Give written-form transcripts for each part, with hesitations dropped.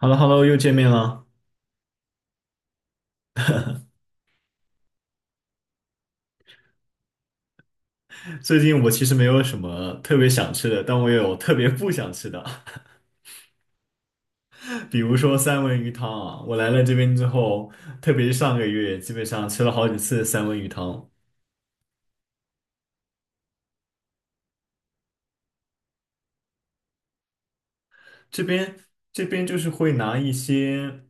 h e l l o h e l l o 又见面了。最近我其实没有什么特别想吃的，但我也有特别不想吃的，比如说三文鱼汤啊。我来了这边之后，特别是上个月，基本上吃了好几次三文鱼汤。这边这边就是会拿一些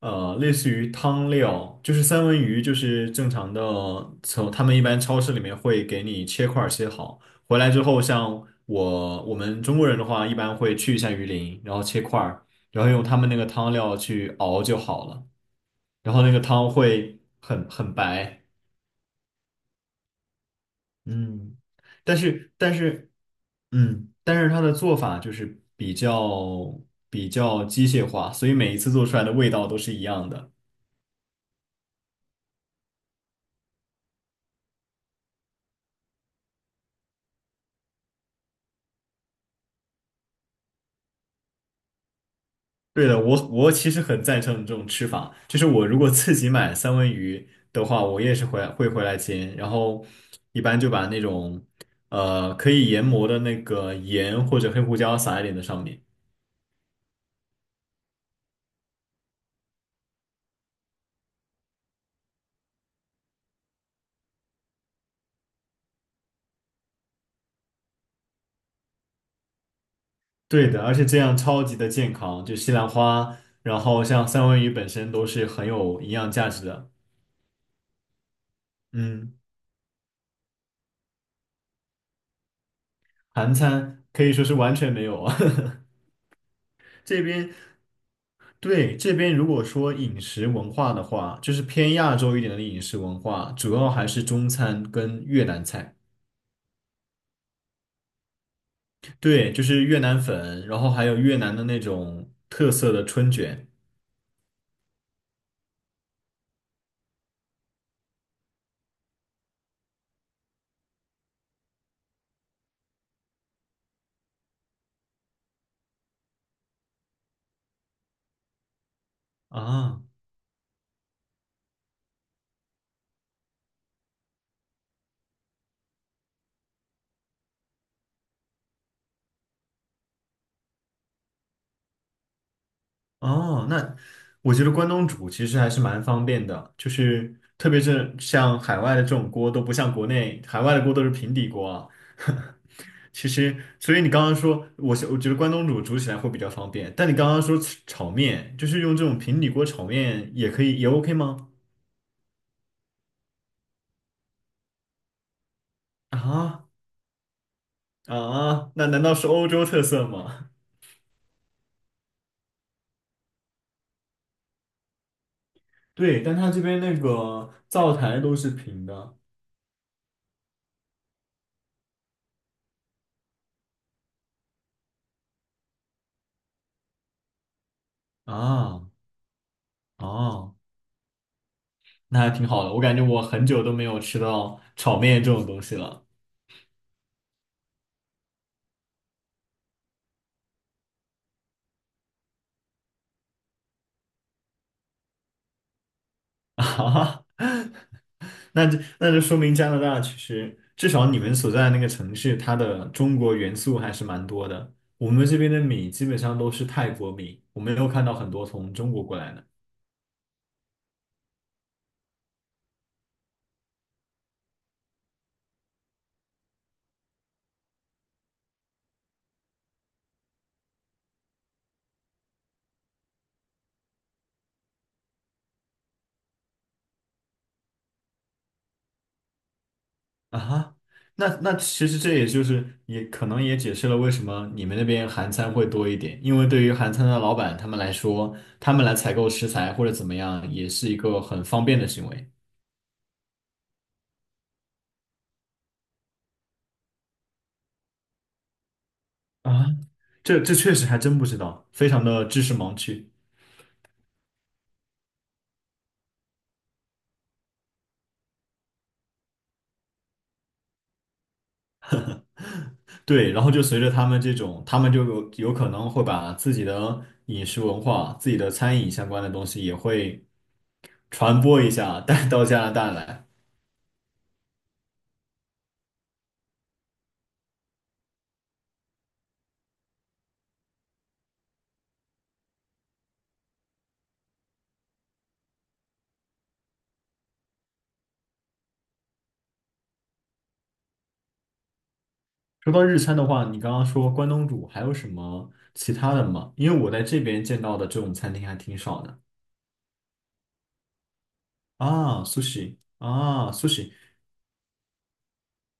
类似于汤料，就是三文鱼，就是正常的，从他们一般超市里面会给你切块儿切好，回来之后，我们中国人的话，一般会去一下鱼鳞，然后切块儿，然后用他们那个汤料去熬就好了，然后那个汤会很白，嗯，但是嗯，但是它的做法就是比较机械化，所以每一次做出来的味道都是一样的。对的，我其实很赞成这种吃法，就是我如果自己买三文鱼的话，我也是回来煎，然后一般就把那种可以研磨的那个盐或者黑胡椒撒一点在上面。对的，而且这样超级的健康，就西兰花，然后像三文鱼本身都是很有营养价值的。嗯。韩餐可以说是完全没有啊。这边对这边如果说饮食文化的话，就是偏亚洲一点的饮食文化，主要还是中餐跟越南菜。对，就是越南粉，然后还有越南的那种特色的春卷啊。哦，那我觉得关东煮其实还是蛮方便的，就是特别是像海外的这种锅都不像国内，海外的锅都是平底锅啊。其实，所以你刚刚说，我觉得关东煮煮起来会比较方便，但你刚刚说吃炒面，就是用这种平底锅炒面也可以，也 OK 吗？啊啊，那难道是欧洲特色吗？对，但它这边那个灶台都是平的啊哦。那还挺好的，我感觉我很久都没有吃到炒面这种东西了。啊那就说明加拿大其实至少你们所在的那个城市，它的中国元素还是蛮多的。我们这边的米基本上都是泰国米，我没有看到很多从中国过来的。啊哈，那其实这也就是也可能也解释了为什么你们那边韩餐会多一点，因为对于韩餐的老板他们来说，他们来采购食材或者怎么样，也是一个很方便的行为。啊，这这确实还真不知道，非常的知识盲区。对，然后就随着他们这种，他们就有可能会把自己的饮食文化、自己的餐饮相关的东西也会传播一下，带到加拿大来。说到日餐的话，你刚刚说关东煮，还有什么其他的吗？因为我在这边见到的这种餐厅还挺少的啊 s u 啊 s u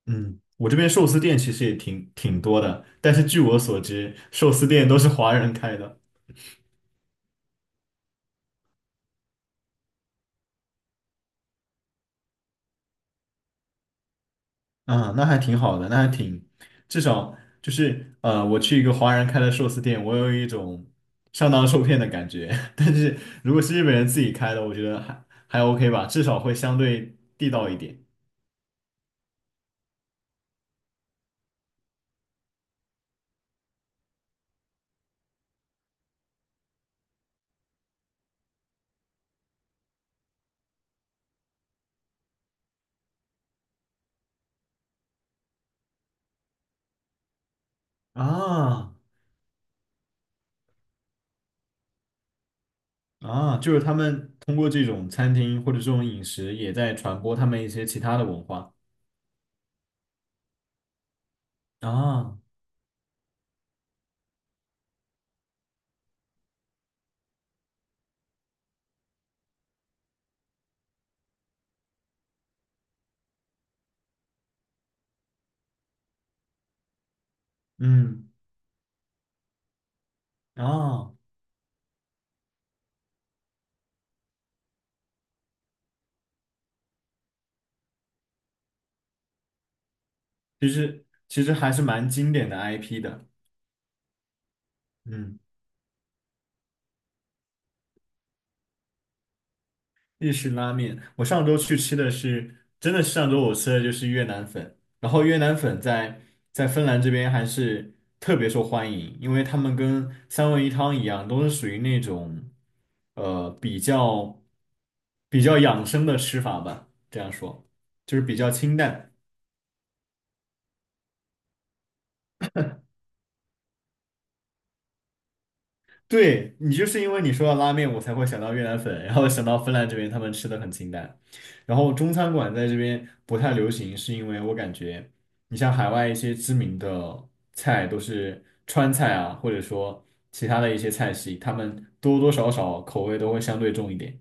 嗯，我这边寿司店其实也挺多的，但是据我所知，寿司店都是华人开的。啊，那还挺好的，那还挺，至少就是我去一个华人开的寿司店，我有一种上当受骗的感觉。但是如果是日本人自己开的，我觉得还 OK 吧，至少会相对地道一点。啊啊，就是他们通过这种餐厅或者这种饮食，也在传播他们一些其他的文化。啊，嗯，啊，其实还是蛮经典的 IP 的。嗯。日式拉面，我上周去吃的是，真的是上周我吃的就是越南粉，然后越南粉在芬兰这边还是特别受欢迎，因为他们跟三文鱼汤一样，都是属于那种呃比较比较养生的吃法吧，这样说，就是比较清淡。对你就是因为你说到拉面，我才会想到越南粉，然后想到芬兰这边他们吃的很清淡，然后中餐馆在这边不太流行，是因为我感觉你像海外一些知名的菜都是川菜啊，或者说其他的一些菜系，他们多多少少口味都会相对重一点。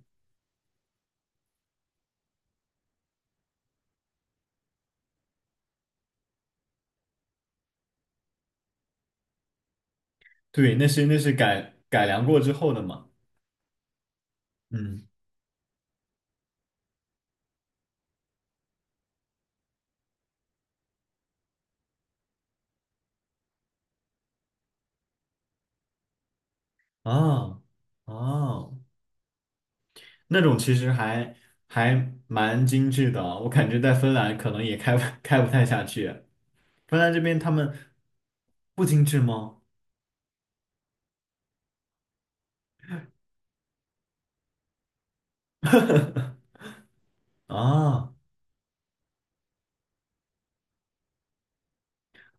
对，那是改良过之后的嘛。嗯，啊啊，那种其实还蛮精致的啊，我感觉在芬兰可能也开不开不太下去。芬兰这边他们不精致吗？啊，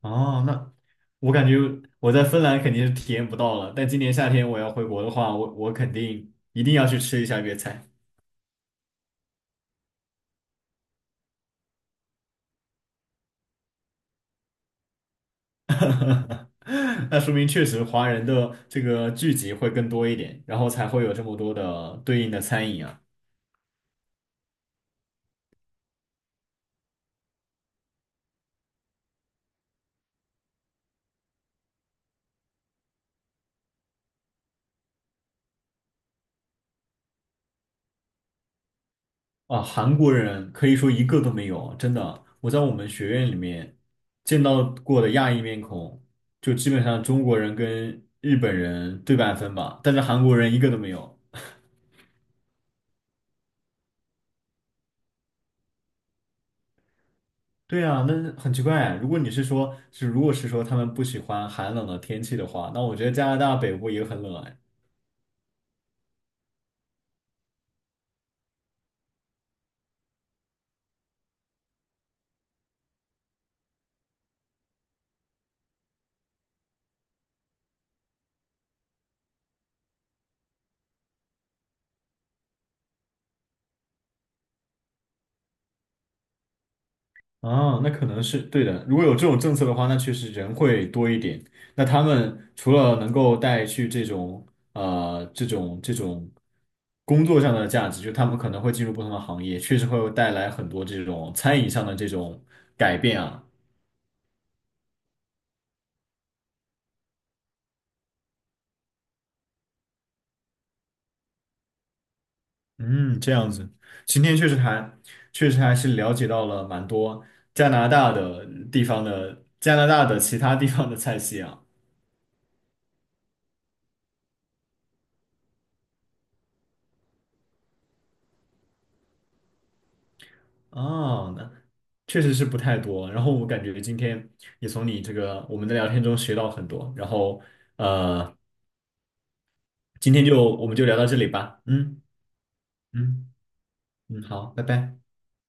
哦，那我感觉我在芬兰肯定是体验不到了，但今年夏天我要回国的话，我肯定一定要去吃一下粤菜。那说明确实华人的这个聚集会更多一点，然后才会有这么多的对应的餐饮啊。啊，韩国人可以说一个都没有，真的。我在我们学院里面见到过的亚裔面孔，就基本上中国人跟日本人对半分吧，但是韩国人一个都没有。对啊，那很奇怪啊。如果你是说，如果是说他们不喜欢寒冷的天气的话，那我觉得加拿大北部也很冷啊啊，那可能是对的。如果有这种政策的话，那确实人会多一点。那他们除了能够带去这种这种工作上的价值，就他们可能会进入不同的行业，确实会带来很多这种餐饮上的这种改变啊。嗯，这样子，今天确实还是了解到了蛮多加拿大的地方的加拿大的其他地方的菜系啊。哦，那确实是不太多。然后我感觉今天也从你这个我们的聊天中学到很多。然后呃，今天我们就聊到这里吧。嗯嗯嗯，好，拜拜。